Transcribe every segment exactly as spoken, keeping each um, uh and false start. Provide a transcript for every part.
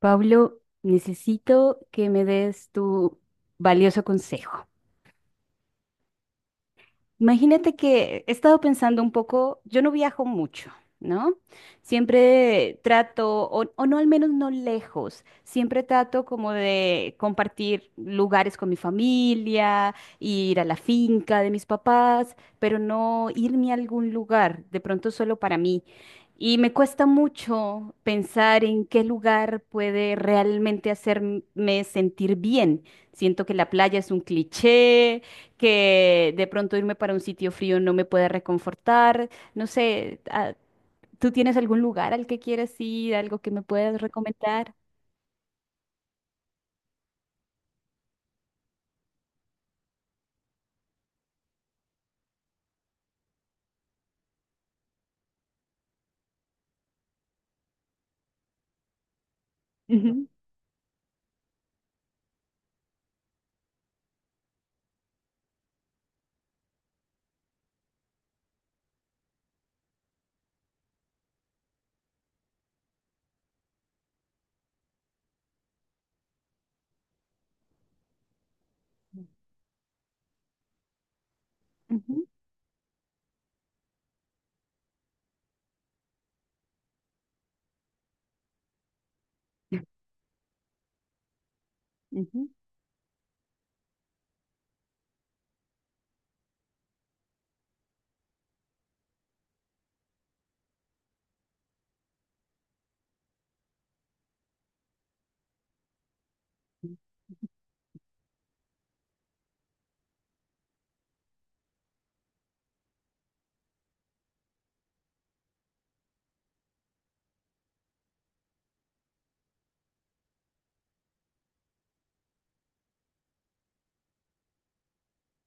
Pablo, necesito que me des tu valioso consejo. Imagínate que he estado pensando un poco, yo no viajo mucho, ¿no? Siempre trato, o, o no al menos no lejos, siempre trato como de compartir lugares con mi familia, ir a la finca de mis papás, pero no irme a algún lugar, de pronto solo para mí. Y me cuesta mucho pensar en qué lugar puede realmente hacerme sentir bien. Siento que la playa es un cliché, que de pronto irme para un sitio frío no me puede reconfortar. No sé, ah, ¿tú tienes algún lugar al que quieres ir, algo que me puedas recomendar? Ujú, ujú, ujú.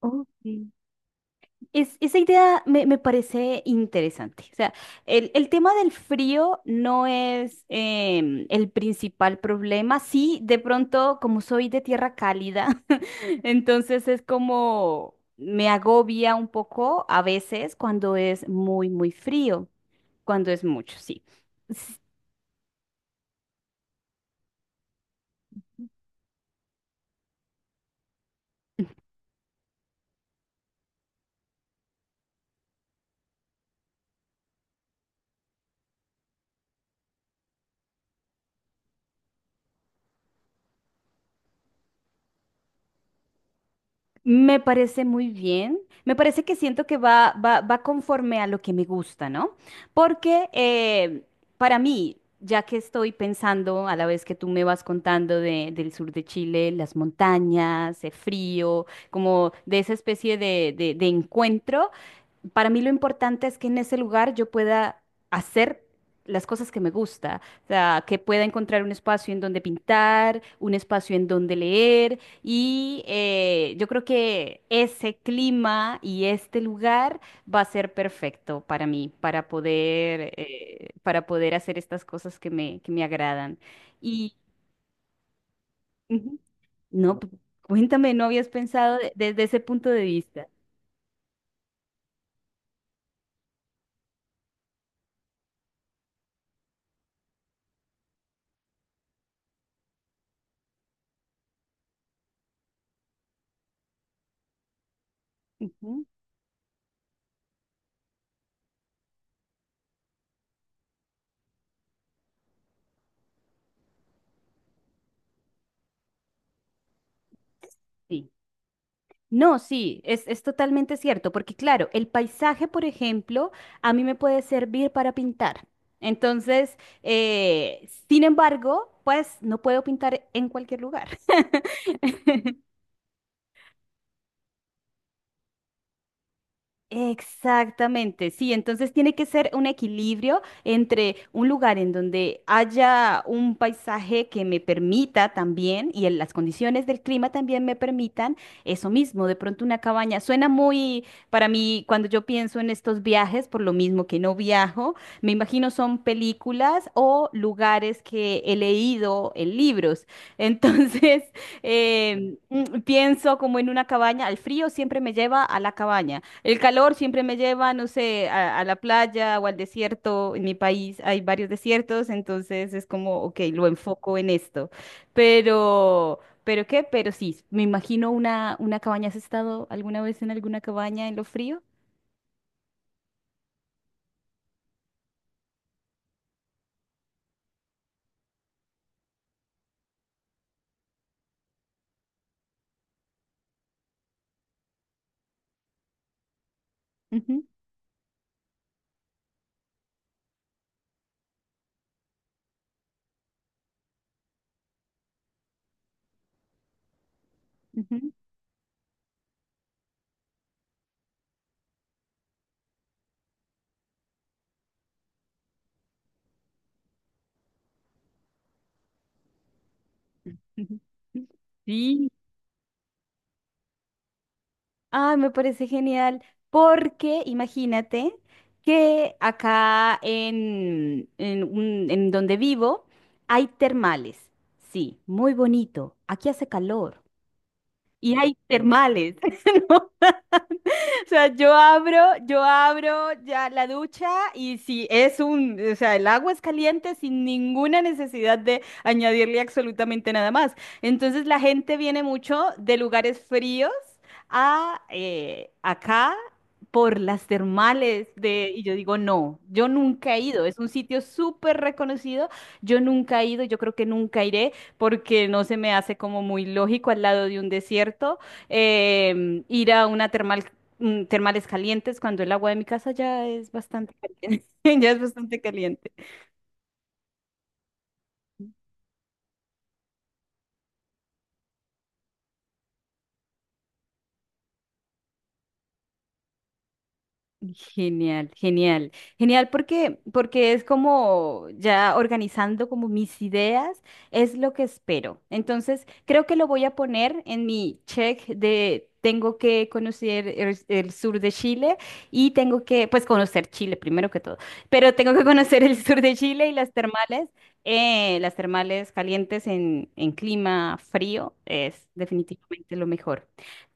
Ok. Es, esa idea me, me parece interesante. O sea, el, el tema del frío no es em, el principal problema. Sí, de pronto, como soy de tierra cálida, entonces es como me agobia un poco a veces cuando es muy, muy frío, cuando es mucho, sí. Me parece muy bien. Me parece que siento que va, va, va conforme a lo que me gusta, ¿no? Porque eh, para mí, ya que estoy pensando a la vez que tú me vas contando de- del sur de Chile, las montañas, el frío, como de esa especie de, de- de encuentro, para mí lo importante es que en ese lugar yo pueda hacer las cosas que me gusta, o sea, que pueda encontrar un espacio en donde pintar, un espacio en donde leer y eh, yo creo que ese clima y este lugar va a ser perfecto para mí, para poder, eh, para poder hacer estas cosas que me, que me agradan. Y ujú, no, p- cuéntame, ¿no habías pensado de- desde ese punto de vista? Ujú, sí. No, sí, es, es totalmente cierto, porque claro, el paisaje, por ejemplo, a mí me puede servir para pintar. Entonces, eh, sin embargo, pues no puedo pintar en cualquier lugar. Exactamente, sí, entonces tiene que ser un equilibrio entre un lugar en donde haya un paisaje que me permita también y en las condiciones del clima también me permitan eso mismo, de pronto una cabaña. Suena muy, para mí, cuando yo pienso en estos viajes, por lo mismo que no viajo, me imagino son películas o lugares que he leído en libros. Entonces, em, mm, pienso como en una cabaña, el frío siempre me lleva a la cabaña. El calor siempre me lleva, no sé, a, a la playa o al desierto. En mi país hay varios desiertos, entonces es como, ok, lo enfoco en esto. Pero, ¿pero qué? Pero sí, me imagino una, una cabaña. ¿Has estado alguna vez en alguna cabaña en lo frío? Ujú, ujú, ujú. Sí, ay, me parece genial, porque imagínate que acá en, en, un- en donde vivo hay termales. Sí, muy bonito. Aquí hace calor y hay termales. O sea, yo abro, yo abro ya la ducha y si es un, o sea, el agua es caliente sin ninguna necesidad de añadirle absolutamente nada más. Entonces la gente viene mucho de lugares fríos a eh, acá por las termales de, y yo digo, no, yo nunca he ido, es un sitio súper reconocido, yo nunca he ido, yo creo que nunca iré porque no se me hace como muy lógico al lado de un desierto em, ir a una termal mm, termales calientes cuando el agua de mi casa ya es bastante caliente, ya es bastante caliente. Genial, genial, genial porque, porque es como ya organizando como mis ideas, es lo que espero. Entonces, creo que lo voy a poner en mi check de tengo que conocer el, el sur de Chile y tengo que, pues conocer Chile primero que todo, pero tengo que conocer el sur de Chile y las termales, eh, las termales calientes en, en clima frío es definitivamente lo mejor.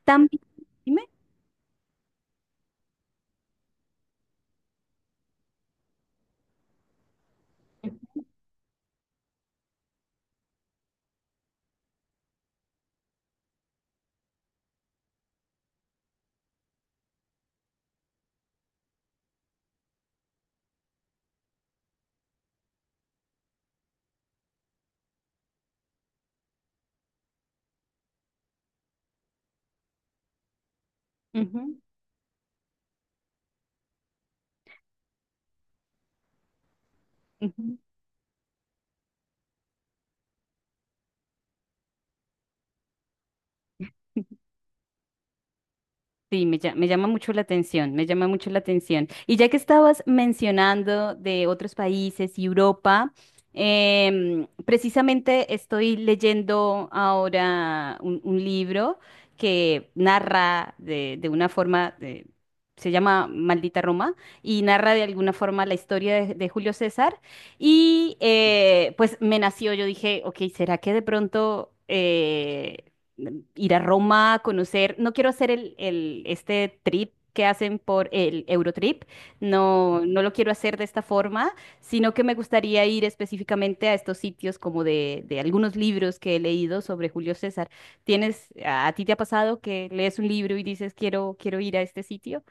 También, dime. Ujú, ujú. Sí, me, lla- me llama mucho la atención, me llama mucho la atención. Y ya que estabas mencionando de otros países y Europa, em, precisamente estoy leyendo ahora un, un libro que narra de, de una forma, de- se llama Maldita Roma, y narra de alguna forma la historia de, de Julio César. Y eh, pues me nació, yo dije, ok, ¿será que de pronto eh, ir a Roma, conocer, no quiero hacer el, el- este trip que hacen por el Eurotrip, no, no lo quiero hacer de esta forma, sino que me gustaría ir específicamente a estos sitios como de, de algunos libros que he leído sobre Julio César. ¿Tienes, a, a ti te ha pasado que lees un libro y dices, quiero, quiero ir a este sitio?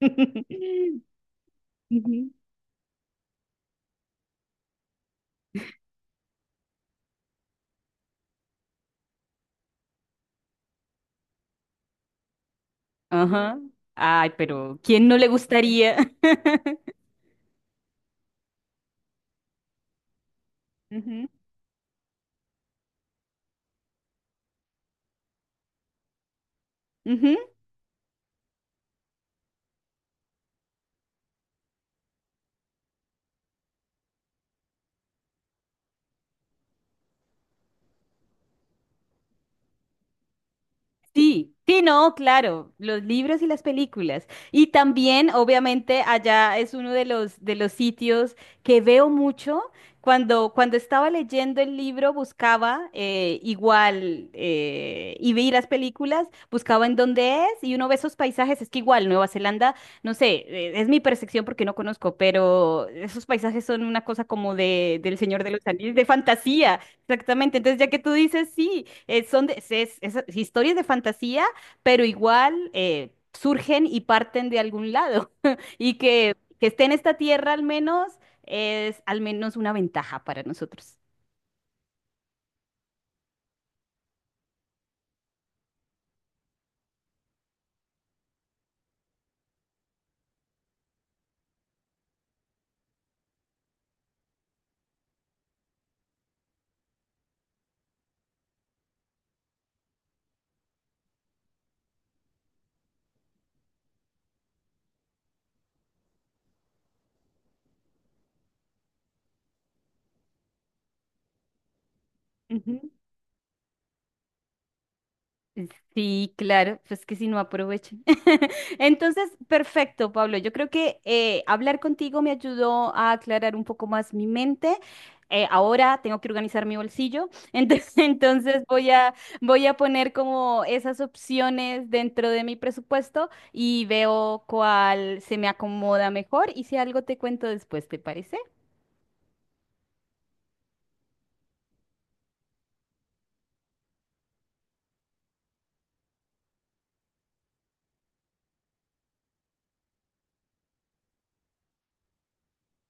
Ujú. Ajá. Ay, pero ¿quién no le gustaría? Ujú, ujú. Sí, sí, no, claro, los libros y las películas. Y también, obviamente, allá es uno de los, de los sitios que veo mucho. Cuando, cuando estaba leyendo el libro, buscaba eh, igual eh, y vi las películas, buscaba en dónde es y uno ve esos paisajes. Es que igual Nueva Zelanda, no sé, eh, es mi percepción porque no conozco, pero esos paisajes son una cosa como de, del Señor de los Anillos, de fantasía. Exactamente, entonces ya que tú dices, sí, eh, son de- es, es- es historias de fantasía, pero igual eh, surgen y parten de algún lado. Y que, que esté en esta tierra al menos es al menos una ventaja para nosotros. Sí, claro, pues que si no aprovechen. Entonces, perfecto, Pablo. Yo creo que eh, hablar contigo me ayudó a aclarar un poco más mi mente. Eh, ahora tengo que organizar mi bolsillo, entonces, entonces voy a, voy a poner como esas opciones dentro de mi presupuesto y veo cuál se me acomoda mejor y si algo te cuento después, ¿te parece?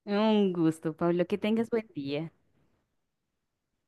Un gusto, Pablo, que tengas buen día.